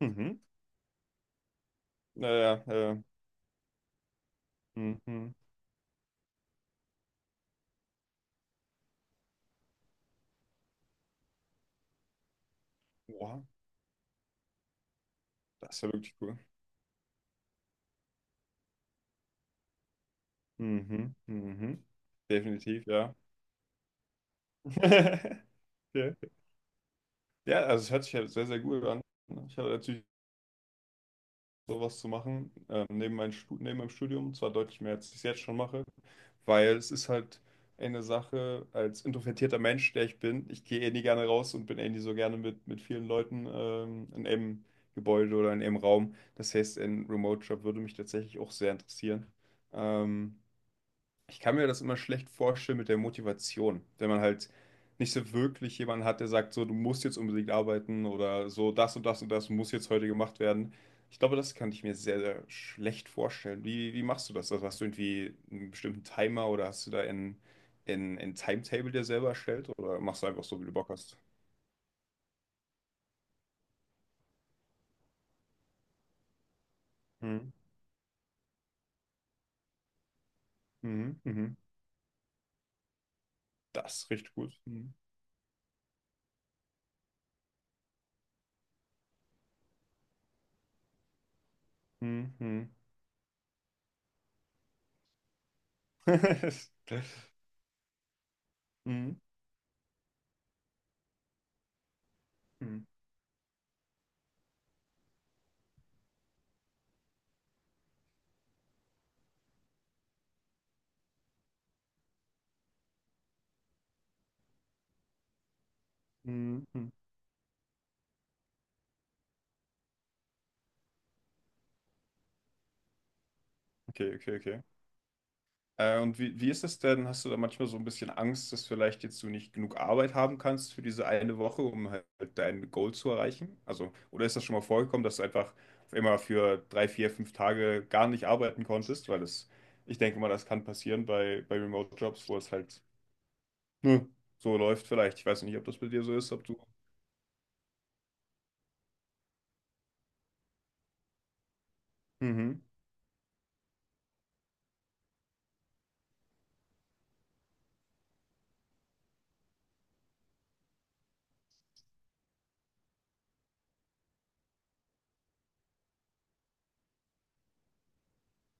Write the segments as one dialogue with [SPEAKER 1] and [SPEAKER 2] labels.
[SPEAKER 1] Mhm. Naja, mhm. Wow, das ist ja wirklich cool. Mhm. Mhm. Definitiv, ja. Okay. Ja, also es hört sich ja sehr, sehr gut an. Ich habe natürlich sowas zu machen, neben meinem Studium, zwar deutlich mehr, als ich es jetzt schon mache, weil es ist halt eine Sache. Als introvertierter Mensch, der ich bin, ich gehe eh nie gerne raus und bin eh nie so gerne mit vielen Leuten in einem Gebäude oder in einem Raum. Das heißt, ein Remote-Job würde mich tatsächlich auch sehr interessieren. Ähm, Ich kann mir das immer schlecht vorstellen mit der Motivation, wenn man halt nicht so wirklich jemanden hat, der sagt, so, du musst jetzt unbedingt arbeiten oder so, das und das und das muss jetzt heute gemacht werden. Ich glaube, das kann ich mir sehr, sehr schlecht vorstellen. Wie machst du das? Also hast du irgendwie einen bestimmten Timer oder hast du da ein Timetable dir selber erstellt oder machst du einfach so, wie du Bock hast? Mhm. Mhm. Mhm. Das ist richtig gut. Mhm. Mhm. Mhm. Mhm. Mhm. Mhm. Okay, okay, okay. Und wie ist es denn? Hast du da manchmal so ein bisschen Angst, dass vielleicht jetzt du nicht genug Arbeit haben kannst für diese eine Woche, um halt dein Goal zu erreichen? Also, oder ist das schon mal vorgekommen, dass du einfach auf einmal für drei, vier, fünf Tage gar nicht arbeiten konntest? Weil es, ich denke mal, das kann passieren bei, Remote-Jobs, wo es halt, ne, so läuft vielleicht. Ich weiß nicht, ob das bei dir so ist, ob du. Mhm.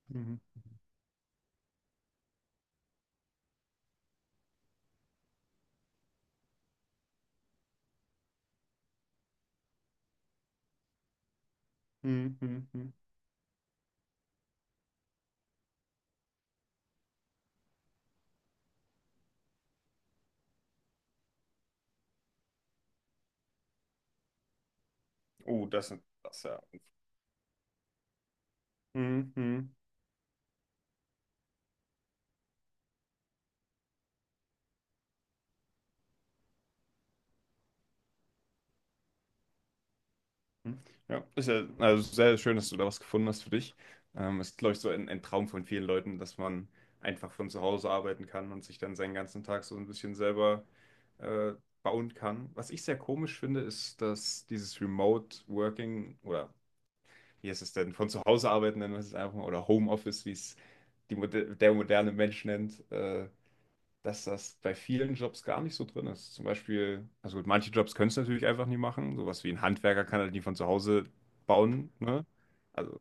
[SPEAKER 1] Mhm. Mhm. Mhm. Mhm. Oh, das, ja. Mhm. Hm. Ja, ist ja also sehr schön, dass du da was gefunden hast für dich. Ist, glaube ich, so ein Traum von vielen Leuten, dass man einfach von zu Hause arbeiten kann und sich dann seinen ganzen Tag so ein bisschen selber äh, bauen kann. Was ich sehr komisch finde, ist, dass dieses Remote Working oder, wie heißt es denn, von zu Hause arbeiten, nennen wir es einfach mal, oder Homeoffice, wie es der moderne Mensch nennt, dass das bei vielen Jobs gar nicht so drin ist. Zum Beispiel, also gut, manche Jobs können es natürlich einfach nie machen. Sowas wie ein Handwerker kann halt nie von zu Hause bauen, ne? Also,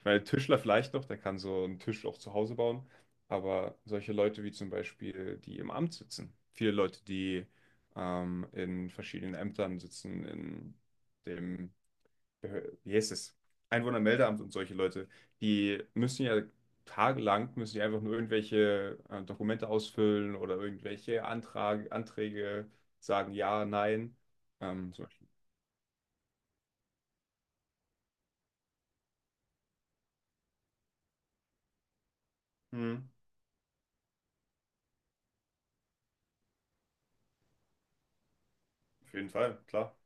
[SPEAKER 1] ich meine, Tischler vielleicht noch, der kann so einen Tisch auch zu Hause bauen. Aber solche Leute wie zum Beispiel die im Amt sitzen, viele Leute, die in verschiedenen Ämtern sitzen, in dem wie heißt es? Einwohnermeldeamt und solche Leute, die müssen ja tagelang, müssen die einfach nur irgendwelche Dokumente ausfüllen oder irgendwelche Anträge sagen, ja, nein. Zum Beispiel. Hm, auf jeden Fall, klar.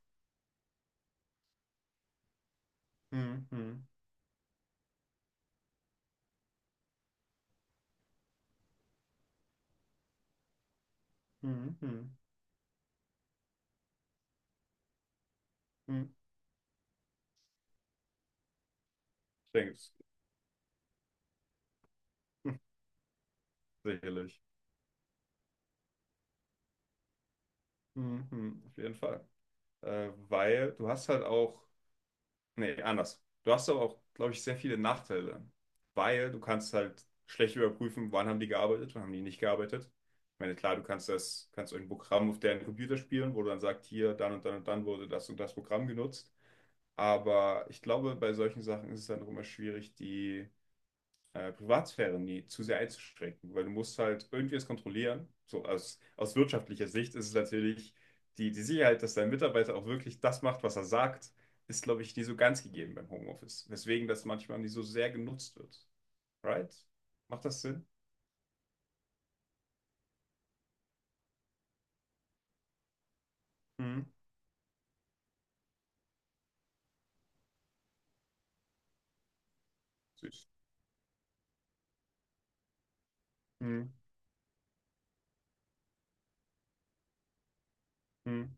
[SPEAKER 1] Hm, hm, hm, hm, hm. Ich denke es. Sicherlich. Hm, hm, auf jeden Fall. Weil du hast halt auch, nee, anders. Du hast aber auch, glaube ich, sehr viele Nachteile, weil du kannst halt schlecht überprüfen, wann haben die gearbeitet, wann haben die nicht gearbeitet. Ich meine, klar, du kannst das, kannst irgendein Programm auf deren Computer spielen, wo du dann sagst, hier, dann und dann und dann wurde das und das Programm genutzt. Aber ich glaube, bei solchen Sachen ist es dann auch immer schwierig, die Privatsphäre nie zu sehr einzuschränken, weil du musst halt irgendwie es kontrollieren. So aus wirtschaftlicher Sicht ist es natürlich die, die Sicherheit, dass dein Mitarbeiter auch wirklich das macht, was er sagt, ist, glaube ich, nie so ganz gegeben beim Homeoffice. Weswegen das manchmal nicht so sehr genutzt wird. Right? Macht das Sinn? Hm. Süß. Hm. Hm.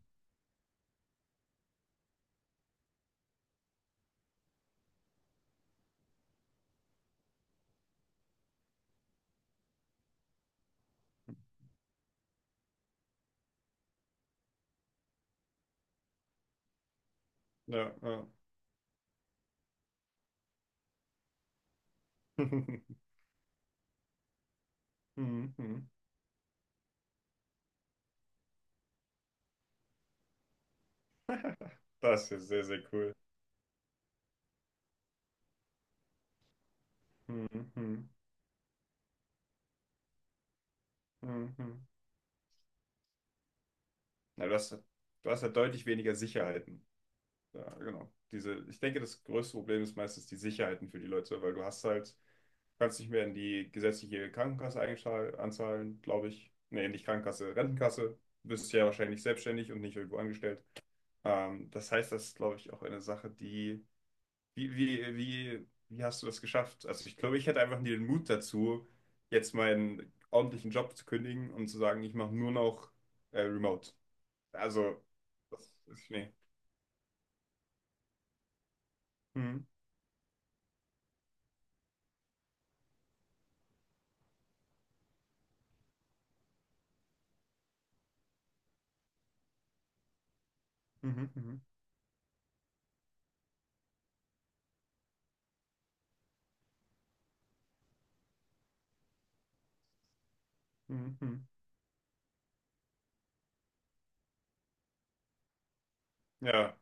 [SPEAKER 1] Ja, ja. Hm, hm. Das ist sehr, sehr cool. Hm, hm. Hm, hm. Na, du hast ja deutlich weniger Sicherheiten. Ja, genau. Diese, ich denke, das größte Problem ist meistens die Sicherheiten für die Leute, weil du hast halt, kannst nicht mehr in die gesetzliche Krankenkasse anzahlen, glaube ich. Nee, nicht Krankenkasse, Rentenkasse. Du bist ja wahrscheinlich selbstständig und nicht irgendwo angestellt. Das heißt, das ist, glaube ich, auch eine Sache, die, wie hast du das geschafft? Also ich glaube, ich hätte einfach nie den Mut dazu, jetzt meinen ordentlichen Job zu kündigen und zu sagen, ich mache nur noch Remote. Also, das ist, nee. Mhm. Mhm. Mhm. Mhm. Mhm. Ja.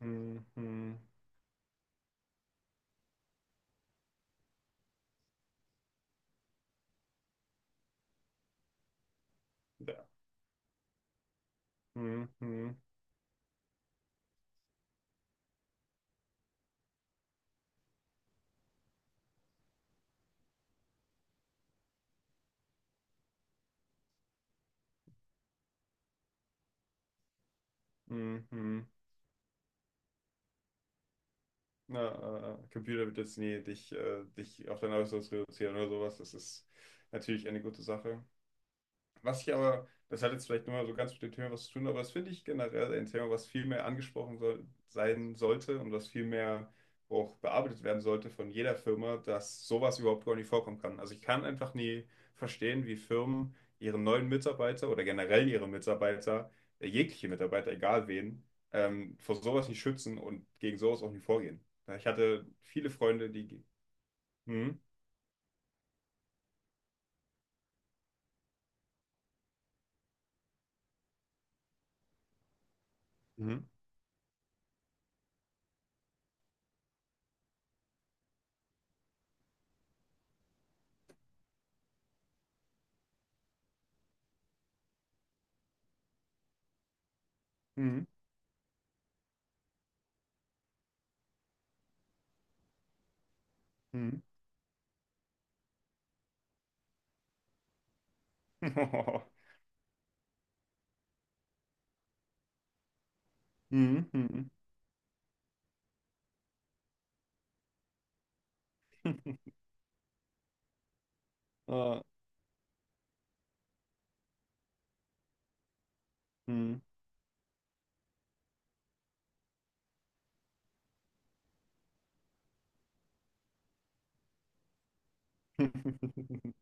[SPEAKER 1] Hm, hm, ja. Hm, hm, hm, hm. Na, Computer wird jetzt nie dich, dich auf dein Äußeres reduzieren oder sowas. Das ist natürlich eine gute Sache. Was ich aber, das hat jetzt vielleicht nur mal so ganz mit dem Thema was zu tun, aber das finde ich generell ein Thema, was viel mehr angesprochen soll, sein sollte und was viel mehr auch bearbeitet werden sollte von jeder Firma, dass sowas überhaupt gar nicht vorkommen kann. Also ich kann einfach nie verstehen, wie Firmen ihren neuen Mitarbeiter oder generell ihre Mitarbeiter, jegliche Mitarbeiter, egal wen, vor sowas nicht schützen und gegen sowas auch nicht vorgehen. Ja, ich hatte viele Freunde, die... Hm? Hm? Hm? Hm? Hm? Hm? Ah. Hm.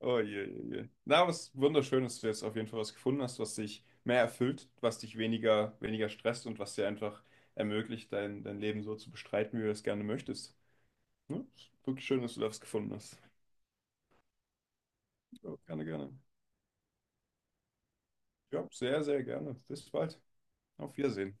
[SPEAKER 1] Oh je, je, je. Na, was wunderschön, dass du jetzt auf jeden Fall was gefunden hast, was dich mehr erfüllt, was dich weniger, weniger stresst und was dir einfach ermöglicht, dein Leben so zu bestreiten, wie du es gerne möchtest. Ne? Ist wirklich schön, dass du das gefunden hast. Ja, gerne, gerne. Ja, sehr, sehr gerne. Bis bald. Auf Wiedersehen.